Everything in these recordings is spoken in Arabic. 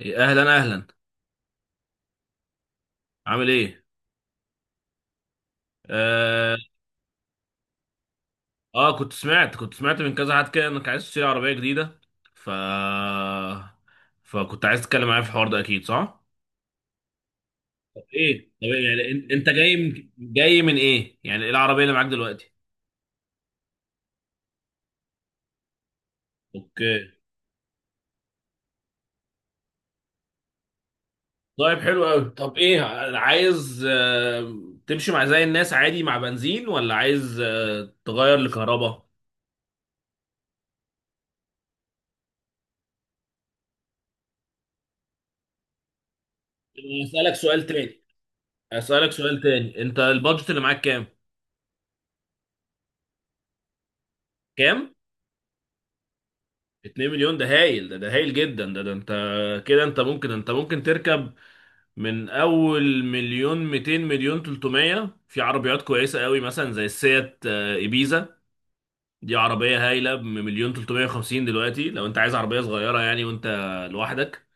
إيه، اهلا اهلا. عامل ايه؟ آه, اه كنت سمعت من كذا حد كده انك عايز تشتري عربيه جديده، ف فكنت عايز تتكلم معايا في الحوار ده اكيد صح. طب ايه؟ طب إيه؟ يعني انت جاي من ايه؟ يعني ايه العربيه اللي معاك دلوقتي؟ اوكي. طيب حلو قوي. طب ايه، عايز تمشي مع زي الناس عادي مع بنزين، ولا عايز تغير لكهرباء؟ اسالك سؤال تاني، اسالك سؤال تاني، انت البادجت اللي معاك كام؟ كام؟ 2 مليون ده هايل، ده هايل جدا. ده انت ممكن تركب من اول مليون 200 مليون 300 في عربيات كويسة قوي، مثلا زي السيات، ايبيزا. دي عربية هايلة بمليون 350 دلوقتي، لو انت عايز عربية صغيرة يعني وانت لوحدك.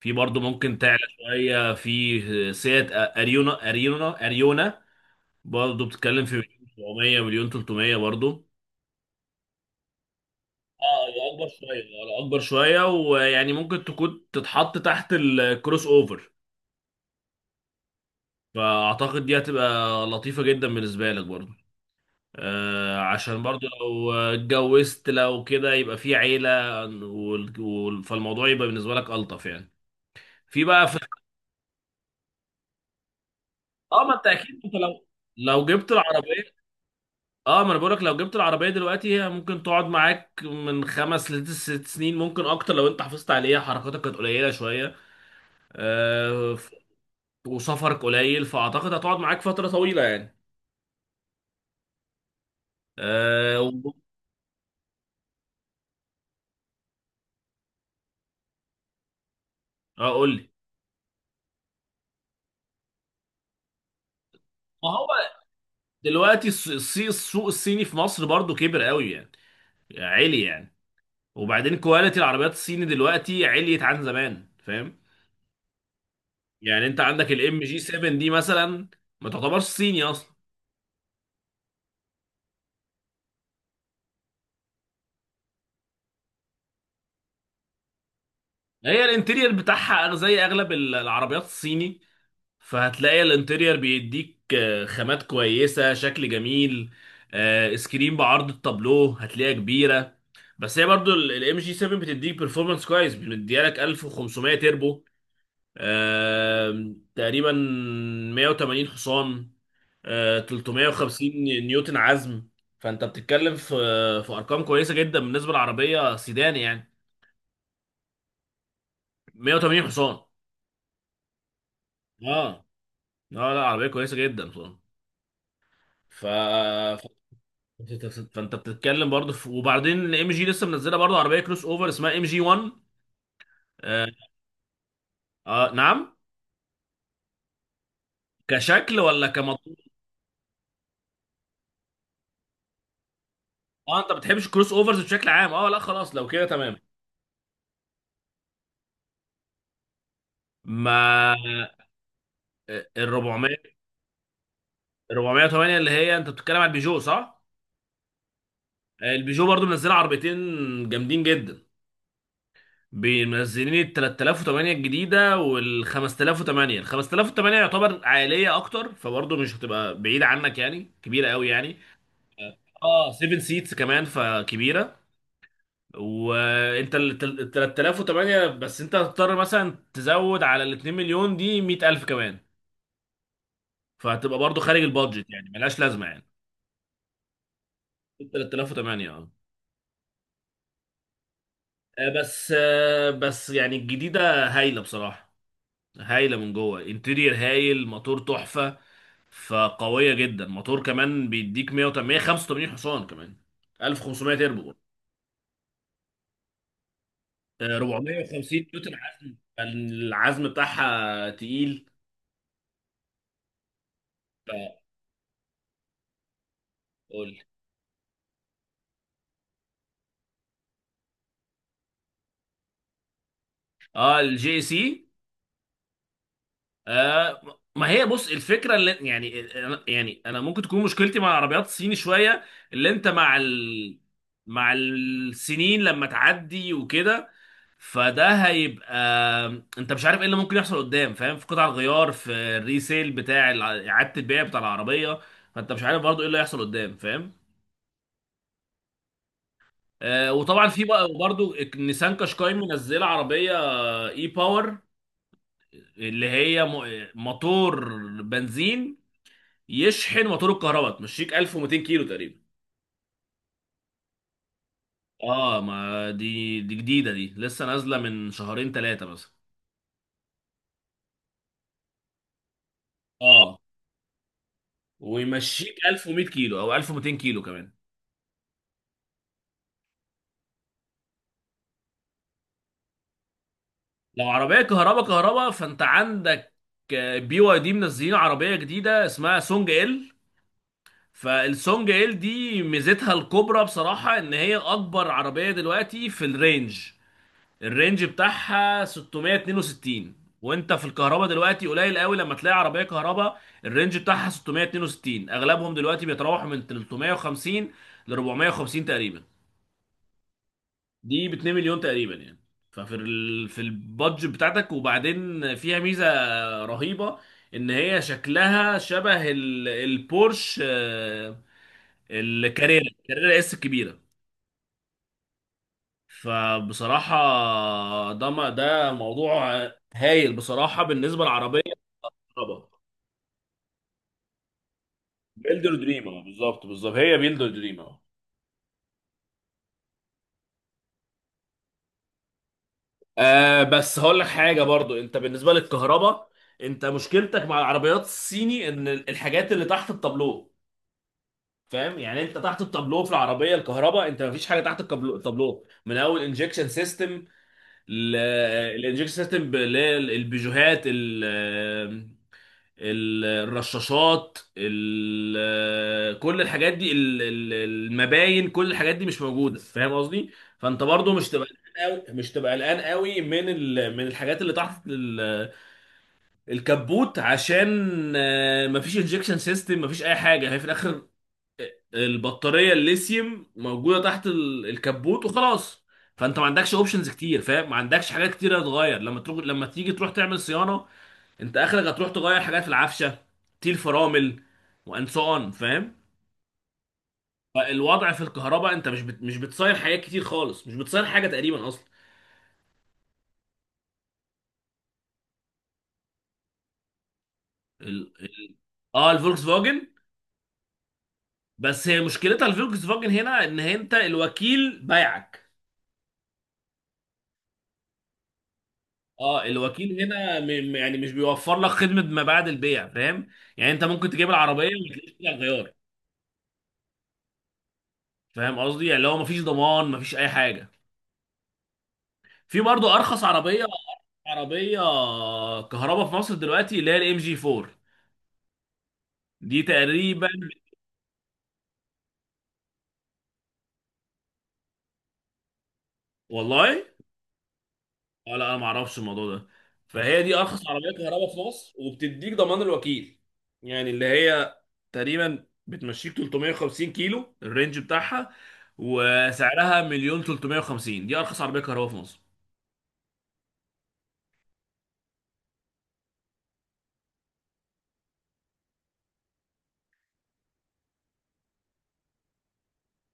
في برضو ممكن تعلى شوية. في سيات اريونا، برضو بتتكلم في مليون 700 مليون 300 برضو. اه هو اكبر شويه، هو اكبر شويه، ويعني ممكن تكون تتحط تحت الكروس اوفر. فاعتقد دي هتبقى لطيفه جدا بالنسبه لك برضو. آه، عشان برضو لو اتجوزت لو كده يبقى في عيله، فالموضوع يبقى بالنسبه لك الطف يعني. في بقى في اه، ما انت اكيد انت لو جبت العربيه، اه ما انا بقولك لو جبت العربيه دلوقتي هي ممكن تقعد معاك من خمس لست سنين، ممكن اكتر لو انت حافظت عليها، حركاتك كانت قليله شويه، آه، وسفرك قليل، فاعتقد هتقعد معاك فتره طويله يعني. أه و- قول لي. ما هو دلوقتي السوق الصيني في مصر برضو كبر قوي يعني، عالي يعني. وبعدين كواليتي العربيات الصيني دلوقتي عليت عن زمان، فاهم؟ يعني انت عندك الام جي 7 دي مثلا ما تعتبرش صيني اصلا. هي الانتيرير بتاعها زي اغلب العربيات الصيني. فهتلاقي الانتيرير بيديك خامات كويسة، شكل جميل، سكرين بعرض التابلو هتلاقيها كبيرة. بس هي برضو الام جي 7 بتديك performance كويس، بتديها لك 1500 تربو، تقريبا 180 حصان، 350 نيوتن عزم. فانت بتتكلم في ارقام كويسة جدا بالنسبة للعربية سيدان يعني. 180 حصان. اه. اه لا عربية كويسة جدا بصراحة. ف... فانت بتتكلم برضه وبعدين ام جي لسه منزله برضه عربيه كروس اوفر اسمها ام جي 1. آه... اه نعم. كشكل ولا كمطلوب؟ اه انت ما بتحبش كروس اوفرز بشكل عام، اه لا خلاص لو كده تمام. ما ال 400، 408 اللي هي انت بتتكلم على البيجو صح؟ البيجو برضه منزله عربيتين جامدين جدا، منزلين ال 3008 الجديده وال 5008. ال 5008 يعتبر عائليه اكتر، فبرضه مش هتبقى بعيده عنك يعني، كبيره قوي يعني. اه 7 سيتس كمان فكبيره. وانت ال 3008، بس انت هتضطر مثلا تزود على ال 2 مليون دي 100,000 كمان، فهتبقى برضو خارج البادجت يعني، ملهاش لازمه يعني. 3008 اه. بس يعني الجديده هايله بصراحه، هايله من جوه، انتيرير هايل، موتور تحفه، فقويه جدا. موتور كمان بيديك 180 185 حصان كمان، 1500 تربو، 450 نيوتن عزم، فالعزم بتاعها تقيل. لا، قول. اه الجي سي. آه ما هي بص، الفكره اللي يعني، يعني انا ممكن تكون مشكلتي مع العربيات الصيني شويه اللي انت مع السنين لما تعدي وكده، فده هيبقى انت مش عارف ايه اللي ممكن يحصل قدام فاهم، في قطع الغيار، في الريسيل بتاع اعاده البيع بتاع العربيه. فانت مش عارف برضو ايه اللي هيحصل قدام فاهم. آه، وطبعا في بقى برضو نيسان قشقاي منزله عربيه اي باور، اللي هي موتور بنزين يشحن موتور الكهرباء، تمشيك 1200 كيلو تقريبا. اه ما دي، جديده، دي لسه نازله من شهرين ثلاثه مثلا. اه ويمشيك 1100 كيلو او 1200 كيلو كمان. لو عربيه كهرباء كهرباء، فانت عندك بي واي دي منزلين عربيه جديده اسمها سونج ال. فالسونج ال دي ميزتها الكبرى بصراحه ان هي اكبر عربيه دلوقتي في الرينج. الرينج بتاعها 662. وانت في الكهرباء دلوقتي قليل قوي لما تلاقي عربيه كهرباء الرينج بتاعها 662. اغلبهم دلوقتي بيتراوحوا من 350 ل 450 تقريبا. دي ب 2 مليون تقريبا يعني. ففي في البادجت بتاعتك. وبعدين فيها ميزه رهيبه ان هي شكلها شبه البورش، الكاريرا اس الكبيره. فبصراحة ده، ما ده موضوع هايل بصراحة بالنسبة للعربية. طبعا. بيلدر دريم بالظبط، بالظبط هي بيلدر دريم. آه بس هقول لك حاجة برضو، انت بالنسبة للكهرباء، انت مشكلتك مع العربيات الصيني ان الحاجات اللي تحت التابلو، فاهم يعني؟ انت تحت التابلو في العربية الكهرباء، انت مفيش حاجة تحت التابلو من اول انجكشن سيستم. الانجكشن سيستم اللي هي البيجوهات، الرشاشات، كل الحاجات دي، المباين، كل الحاجات دي مش موجوده، فاهم قصدي. فانت برضو مش تبقى قلقان قوي، مش تبقى قلقان قوي من من الحاجات اللي تحت الكبوت، عشان مفيش انجكشن سيستم، مفيش اي حاجه، هي في الاخر البطاريه الليثيوم موجوده تحت الكبوت وخلاص. فانت ما عندكش اوبشنز كتير فاهم، ما عندكش حاجات كتير هتتغير لما تروح، لما تيجي تروح تعمل صيانه. انت اخرك هتروح تغير حاجات في العفشه، تيل فرامل، وان سو اون فاهم. فالوضع في الكهرباء انت مش بتصير حاجات كتير خالص، مش بتصير حاجه تقريبا اصلا. ال... ال- اه الفولكس فاجن. بس هي مشكلتها الفولكس فاجن هنا، ان انت الوكيل بيعك. اه الوكيل هنا يعني مش بيوفر لك خدمه ما بعد البيع فاهم. يعني انت ممكن تجيب العربيه وما تلاقيش فيها غيار. فاهم قصدي؟ يعني لو مفيش ضمان مفيش اي حاجه. في برضه ارخص عربيه، عربيه كهرباء في مصر دلوقتي اللي هي الام جي 4، دي تقريبا. والله. اه لا انا ما اعرفش الموضوع ده. فهي دي ارخص عربيه كهرباء في مصر وبتديك ضمان الوكيل يعني. اللي هي تقريبا بتمشيك 350 كيلو الرينج بتاعها، وسعرها مليون 350. دي ارخص عربيه كهرباء في مصر.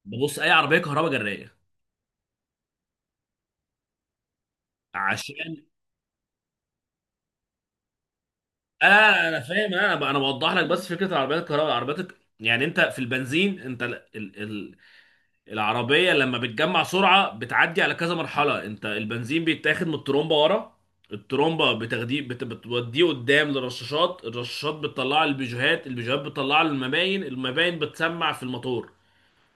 ببص اي عربيه كهرباء جرايه، عشان انا فاهم، انا بوضح لك بس. فكره العربيات الكهرباء يعني انت في البنزين انت العربية لما بتجمع سرعة بتعدي على كذا مرحلة، انت البنزين بيتاخد من الترومبة ورا، الترومبة بتاخديه، بتوديه قدام للرشاشات، الرشاشات بتطلع البيجوهات، البيجوهات بتطلع المباين، المباين بتسمع في الموتور،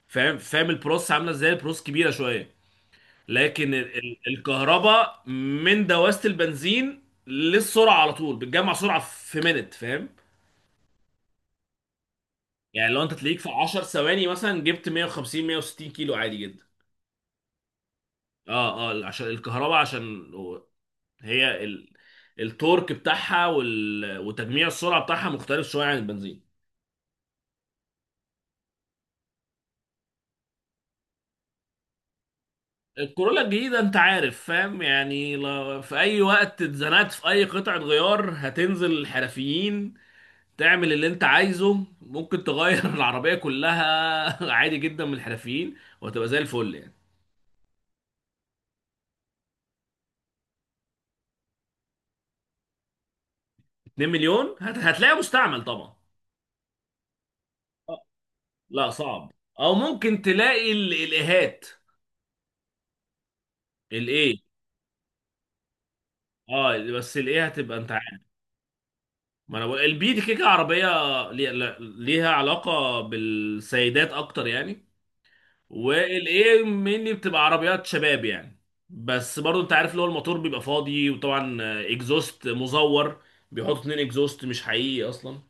فاهم. فاهم البروس عاملة ازاي، البروس كبيرة شوية، لكن الكهرباء من دواسة البنزين للسرعة على طول بتجمع سرعة في منت، فاهم. يعني لو انت تلاقيك في 10 ثواني مثلا جبت 150 160 كيلو عادي جدا. اه اه عشان الكهرباء، عشان هي التورك بتاعها وتجميع السرعه بتاعها مختلف شويه عن البنزين. الكورولا الجديدة انت عارف فاهم يعني، لو في اي وقت اتزنقت في اي قطعة غيار هتنزل الحرفيين تعمل اللي انت عايزه، ممكن تغير العربية كلها عادي جدا من الحرفيين وهتبقى زي الفل يعني. 2 مليون هتلاقيها مستعمل طبعا. آه، لا صعب. او ممكن تلاقي الاهات، الايه. اه بس الايه هتبقى انت عارف. ما انا بقول البي دي كيكه عربيه ليها علاقه بالسيدات اكتر يعني. والايه مني بتبقى عربيات شباب يعني. بس برضو انت عارف اللي هو الموتور بيبقى فاضي، وطبعا اكزوست مزور، بيحطوا اتنين اكزوست مش حقيقي اصلا.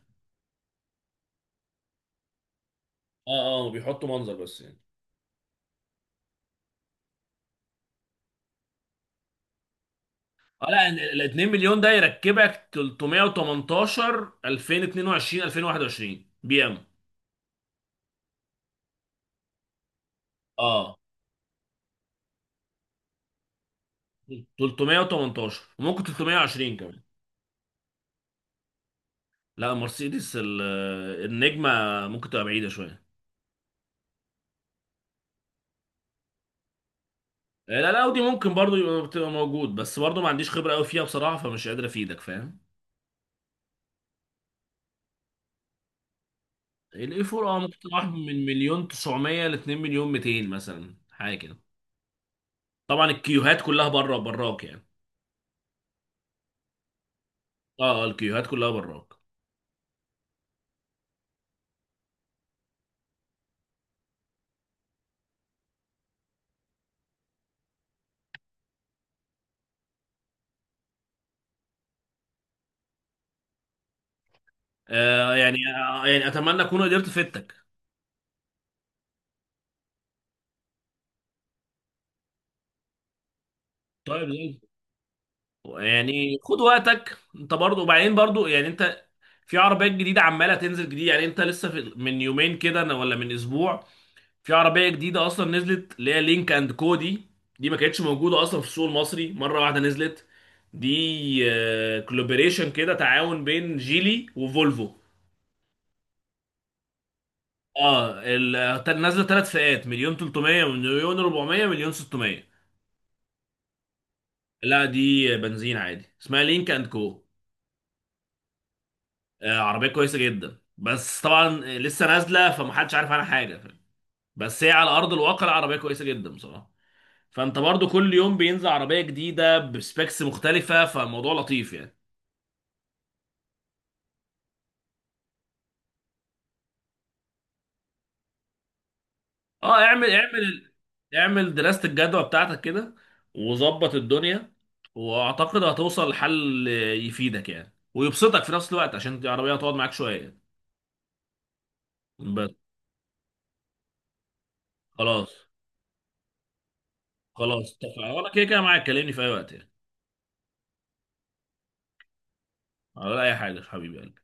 اه اه بيحطوا منظر بس يعني. اه لا 2 مليون ده يركبك 318 2022 2021 بي ام، اه 318 وممكن 320 كمان. لا مرسيدس النجمة ممكن تبقى بعيدة شوية. لا لا، اودي ممكن برضو يبقى، بتبقى موجود، بس برضو ما عنديش خبرة قوي فيها بصراحة فمش قادر افيدك فاهم. الاي 4 اه ممكن تروح من مليون 900 ل 2 مليون 200 مثلا حاجة كده. طبعا الكيوهات كلها بره براك يعني. اه الكيوهات كلها براك. آه يعني، آه يعني اتمنى اكون قدرت افيدتك. طيب زي الفل. يعني خد وقتك انت برضو، وبعدين برضو يعني انت في عربيات جديدة عمالة تنزل جديد يعني، انت لسه في من يومين كده، ولا من اسبوع، في عربيه جديده اصلا نزلت اللي هي لينك اند كو دي. دي ما كانتش موجوده اصلا في السوق المصري، مره واحده نزلت دي. كولابوريشن كده، تعاون بين جيلي وفولفو. اه نازله ثلاث فئات: مليون 300 مليون 400 مليون 600. لا دي بنزين عادي اسمها لينك اند كو. آه عربيه كويسه جدا، بس طبعا لسه نازله فمحدش عارف عنها حاجه، بس هي على ارض الواقع لا، عربيه كويسه جدا بصراحه. فانت برضو كل يوم بينزل عربيه جديده بسبيكس مختلفه، فالموضوع لطيف يعني. اه اعمل اعمل، اعمل دراسه الجدوى بتاعتك كده وظبط الدنيا، واعتقد هتوصل لحل يفيدك يعني ويبسطك في نفس الوقت، عشان العربيه هتقعد معاك شويه يعني. بس. خلاص، خلاص اتفقنا، وانا كده كده معاك، كلمني في اي وقت يعني. ولا اي حاجه يا حبيبي قلبي.